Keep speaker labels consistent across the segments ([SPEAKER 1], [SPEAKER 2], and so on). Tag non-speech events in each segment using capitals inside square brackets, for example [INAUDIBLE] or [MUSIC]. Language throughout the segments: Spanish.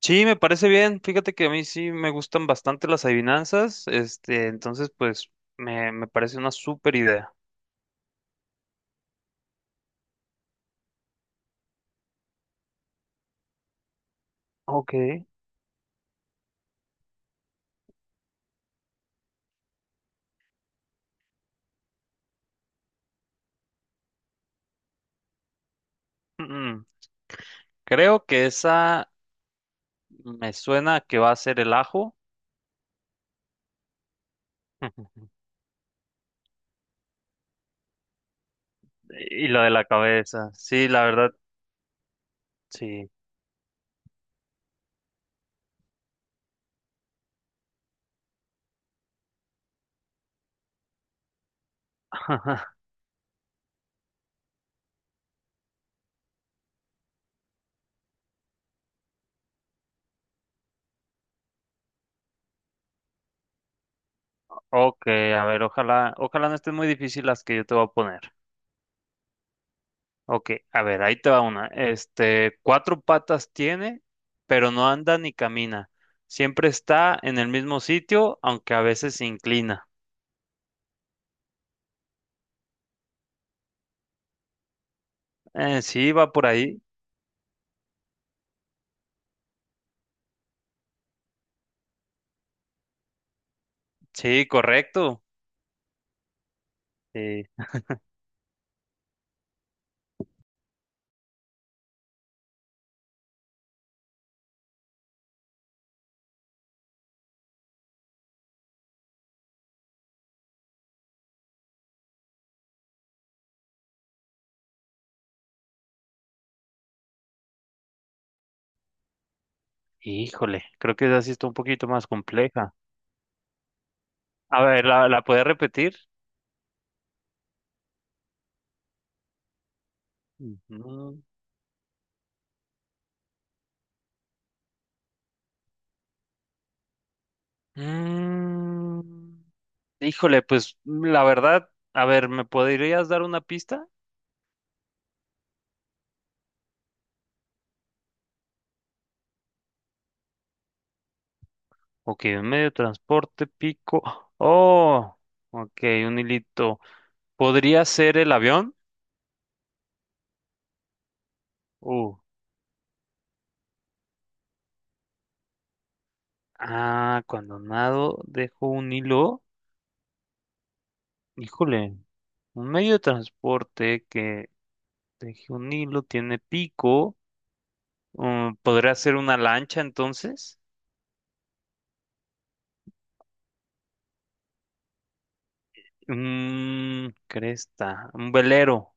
[SPEAKER 1] Sí, me parece bien. Fíjate que a mí sí me gustan bastante las adivinanzas. Entonces, pues, me parece una súper idea. Ok. Mm, Creo que esa me suena a que va a ser el ajo [LAUGHS] y lo de la cabeza. Sí, la verdad, sí. [LAUGHS] Ok, a ver, ojalá no estén muy difíciles las que yo te voy a poner. Ok, a ver, ahí te va una. Cuatro patas tiene, pero no anda ni camina. Siempre está en el mismo sitio, aunque a veces se inclina. Sí, va por ahí. Sí, correcto. Sí. Híjole, creo que esa sí está un poquito más compleja. A ver, ¿la puedes repetir? Ujú. Mm, Híjole, pues la verdad, a ver, ¿me podrías dar una pista? Ok, un medio de transporte, pico. Oh, ok, un hilito. ¿Podría ser el avión? Uh. Ah, cuando nado dejo un hilo. Híjole, un medio de transporte que deje un hilo tiene pico. ¿Podría ser una lancha entonces? Cresta, un velero.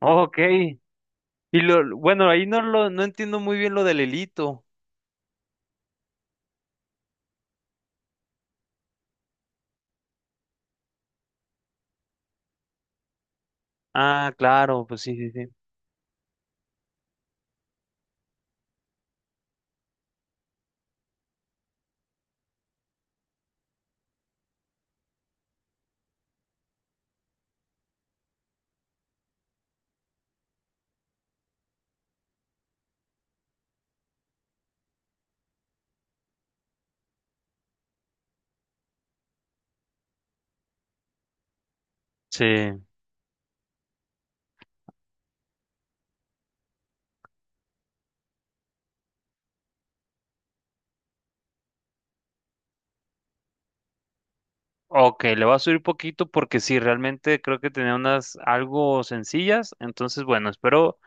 [SPEAKER 1] Ok. Y bueno, ahí no lo, no entiendo muy bien lo del hilito. Ah, claro, pues sí, sí, sí. Sí. Ok, le voy a subir poquito porque sí, realmente creo que tenía unas algo sencillas. Entonces, bueno, espero.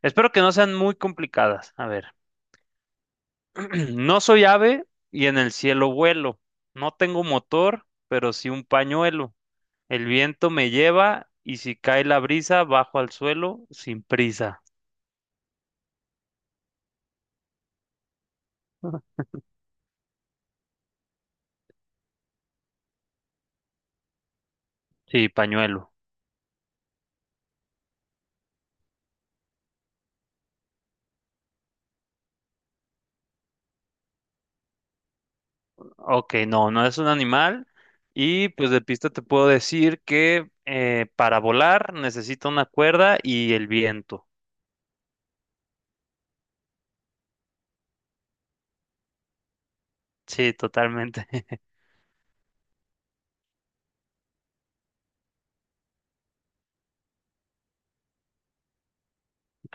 [SPEAKER 1] Espero que no sean muy complicadas. A ver, [CLEARS THROAT] no soy ave y en el cielo vuelo. No tengo motor, pero sí un pañuelo. El viento me lleva y si cae la brisa, bajo al suelo sin prisa. Sí, pañuelo. Ok, no, no es un animal. Y pues de pista te puedo decir que para volar necesito una cuerda y el viento. Sí, totalmente. [LAUGHS]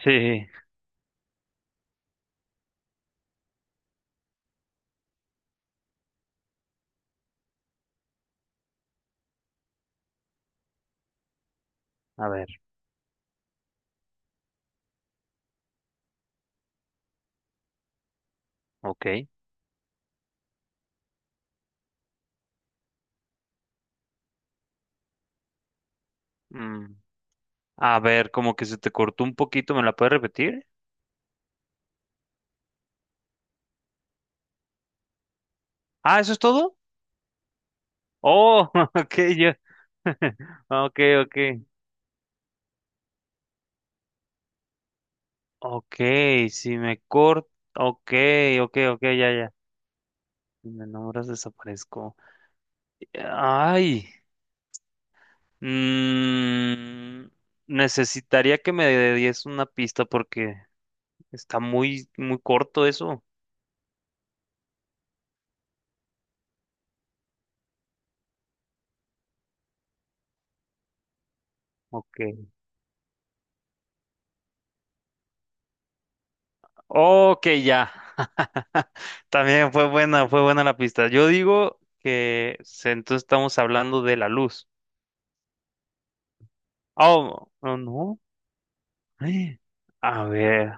[SPEAKER 1] Sí, a ver, ok. Mm, A ver, como que se te cortó un poquito, ¿me la puedes repetir? Ah, ¿eso es todo? Oh, [LAUGHS] ok, yo. [LAUGHS] Ok, ok. Ok, si me corto. Ok, ok, ok, ya, ya. Si me nombras, desaparezco. Ay. mm, Necesitaría que me des una pista porque está muy, muy corto eso. Ok. Ok, ya. [LAUGHS] También fue buena la pista. Yo digo que entonces estamos hablando de la luz. Oh, no, no. Eh, A ver,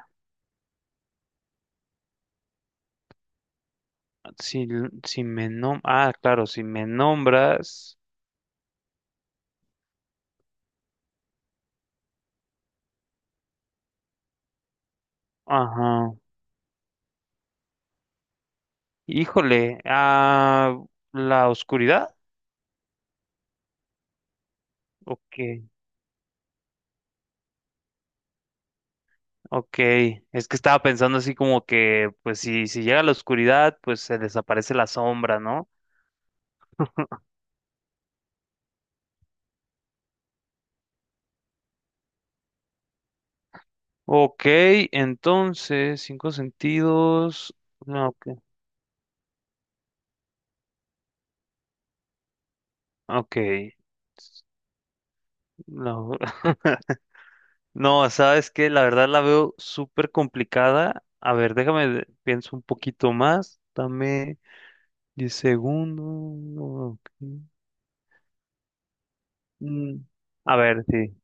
[SPEAKER 1] si, si me nom... Ah, claro, si me nombras. Ajá. Híjole, ah, ¿la oscuridad? Ok, ok. Es que estaba pensando así como que, pues si llega la oscuridad, pues se desaparece la sombra, ¿no? Ok, entonces, cinco sentidos. No, ok. Ok. No. [LAUGHS] No, sabes que la verdad la veo súper complicada. A ver, déjame, pienso un poquito más. Dame 10 segundos. Ok. Mm, A ver, sí.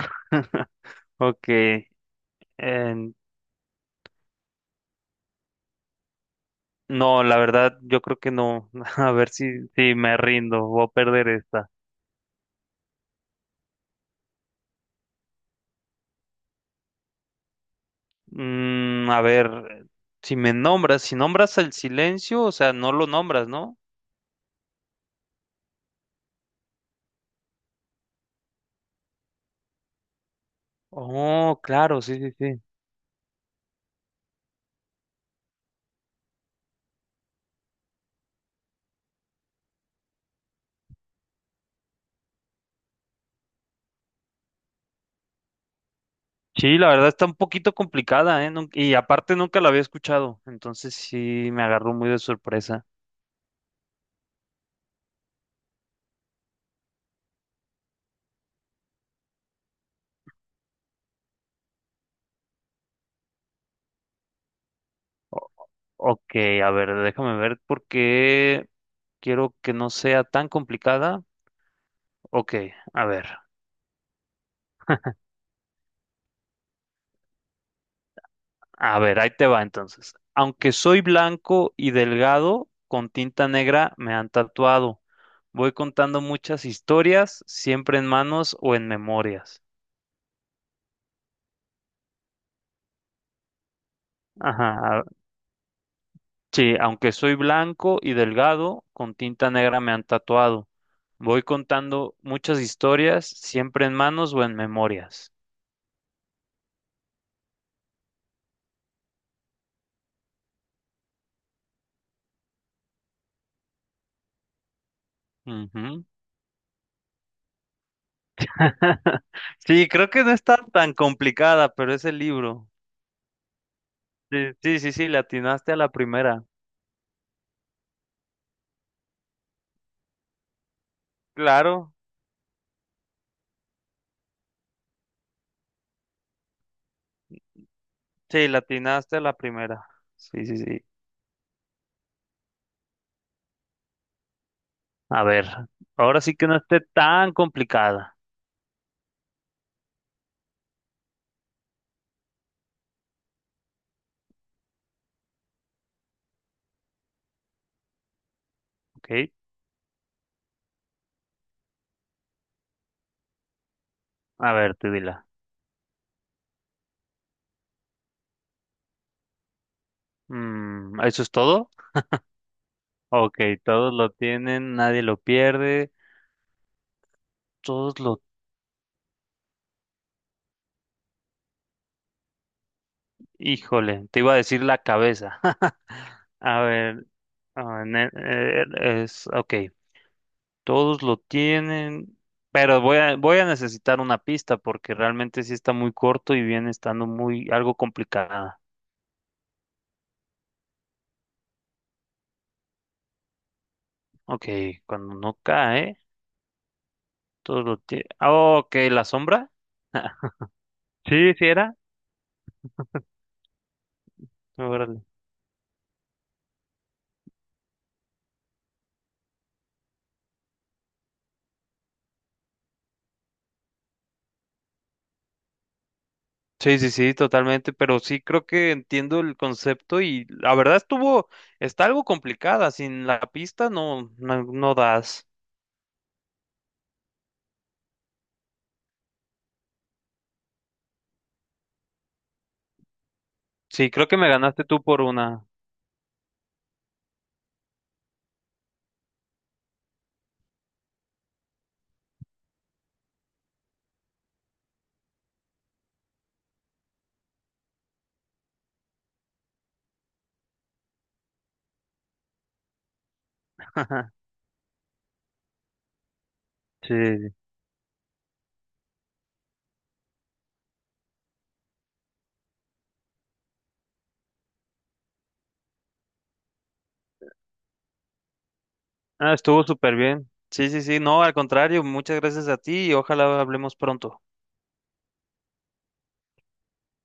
[SPEAKER 1] [LAUGHS] Ok. en- no, la verdad, yo creo que no. [LAUGHS] A ver si me rindo, voy a perder esta. A ver, si me nombras, si nombras el silencio, o sea, no lo nombras, ¿no? Oh, claro, sí, sí, sí. Sí, la verdad está un poquito complicada, ¿eh? Y aparte nunca la había escuchado, entonces sí me agarró muy de sorpresa. O- ok, a ver, déjame ver por qué quiero que no sea tan complicada. Ok, a ver, a ver, ahí te va entonces. Aunque soy blanco y delgado, con tinta negra me han tatuado. Voy contando muchas historias, siempre en manos o en memorias. Ajá, sí, aunque soy blanco y delgado, con tinta negra me han tatuado. Voy contando muchas historias, siempre en manos o en memorias. Ujú. [LAUGHS] Sí, creo que no está tan complicada, pero es el libro. Sí, sí, sí, sí, le atinaste a la primera. Claro, sí, le atinaste a la primera. Sí, sí, sí. A ver, ahora sí que no esté tan complicada, ¿ok? A ver, tú dila. ¿Eso es todo? Ok, todos lo tienen, nadie lo pierde. Todos los... Híjole, te iba a decir la cabeza. [LAUGHS] A ver, a ver, Ok, todos lo tienen, pero voy a necesitar una pista porque realmente sí está muy corto y viene estando muy algo complicada. Ok, cuando no cae, Ah, ok, la sombra. [LAUGHS] Sí, sí era. Sí, sí, sí, totalmente, pero sí creo que entiendo el concepto y la verdad está algo complicada, sin la pista no, no, no das. Sí, creo que me ganaste tú por una. [LAUGHS] Sí, ah, estuvo súper bien. Sí, sí, sí, no, al contrario, muchas gracias a ti y ojalá hablemos pronto.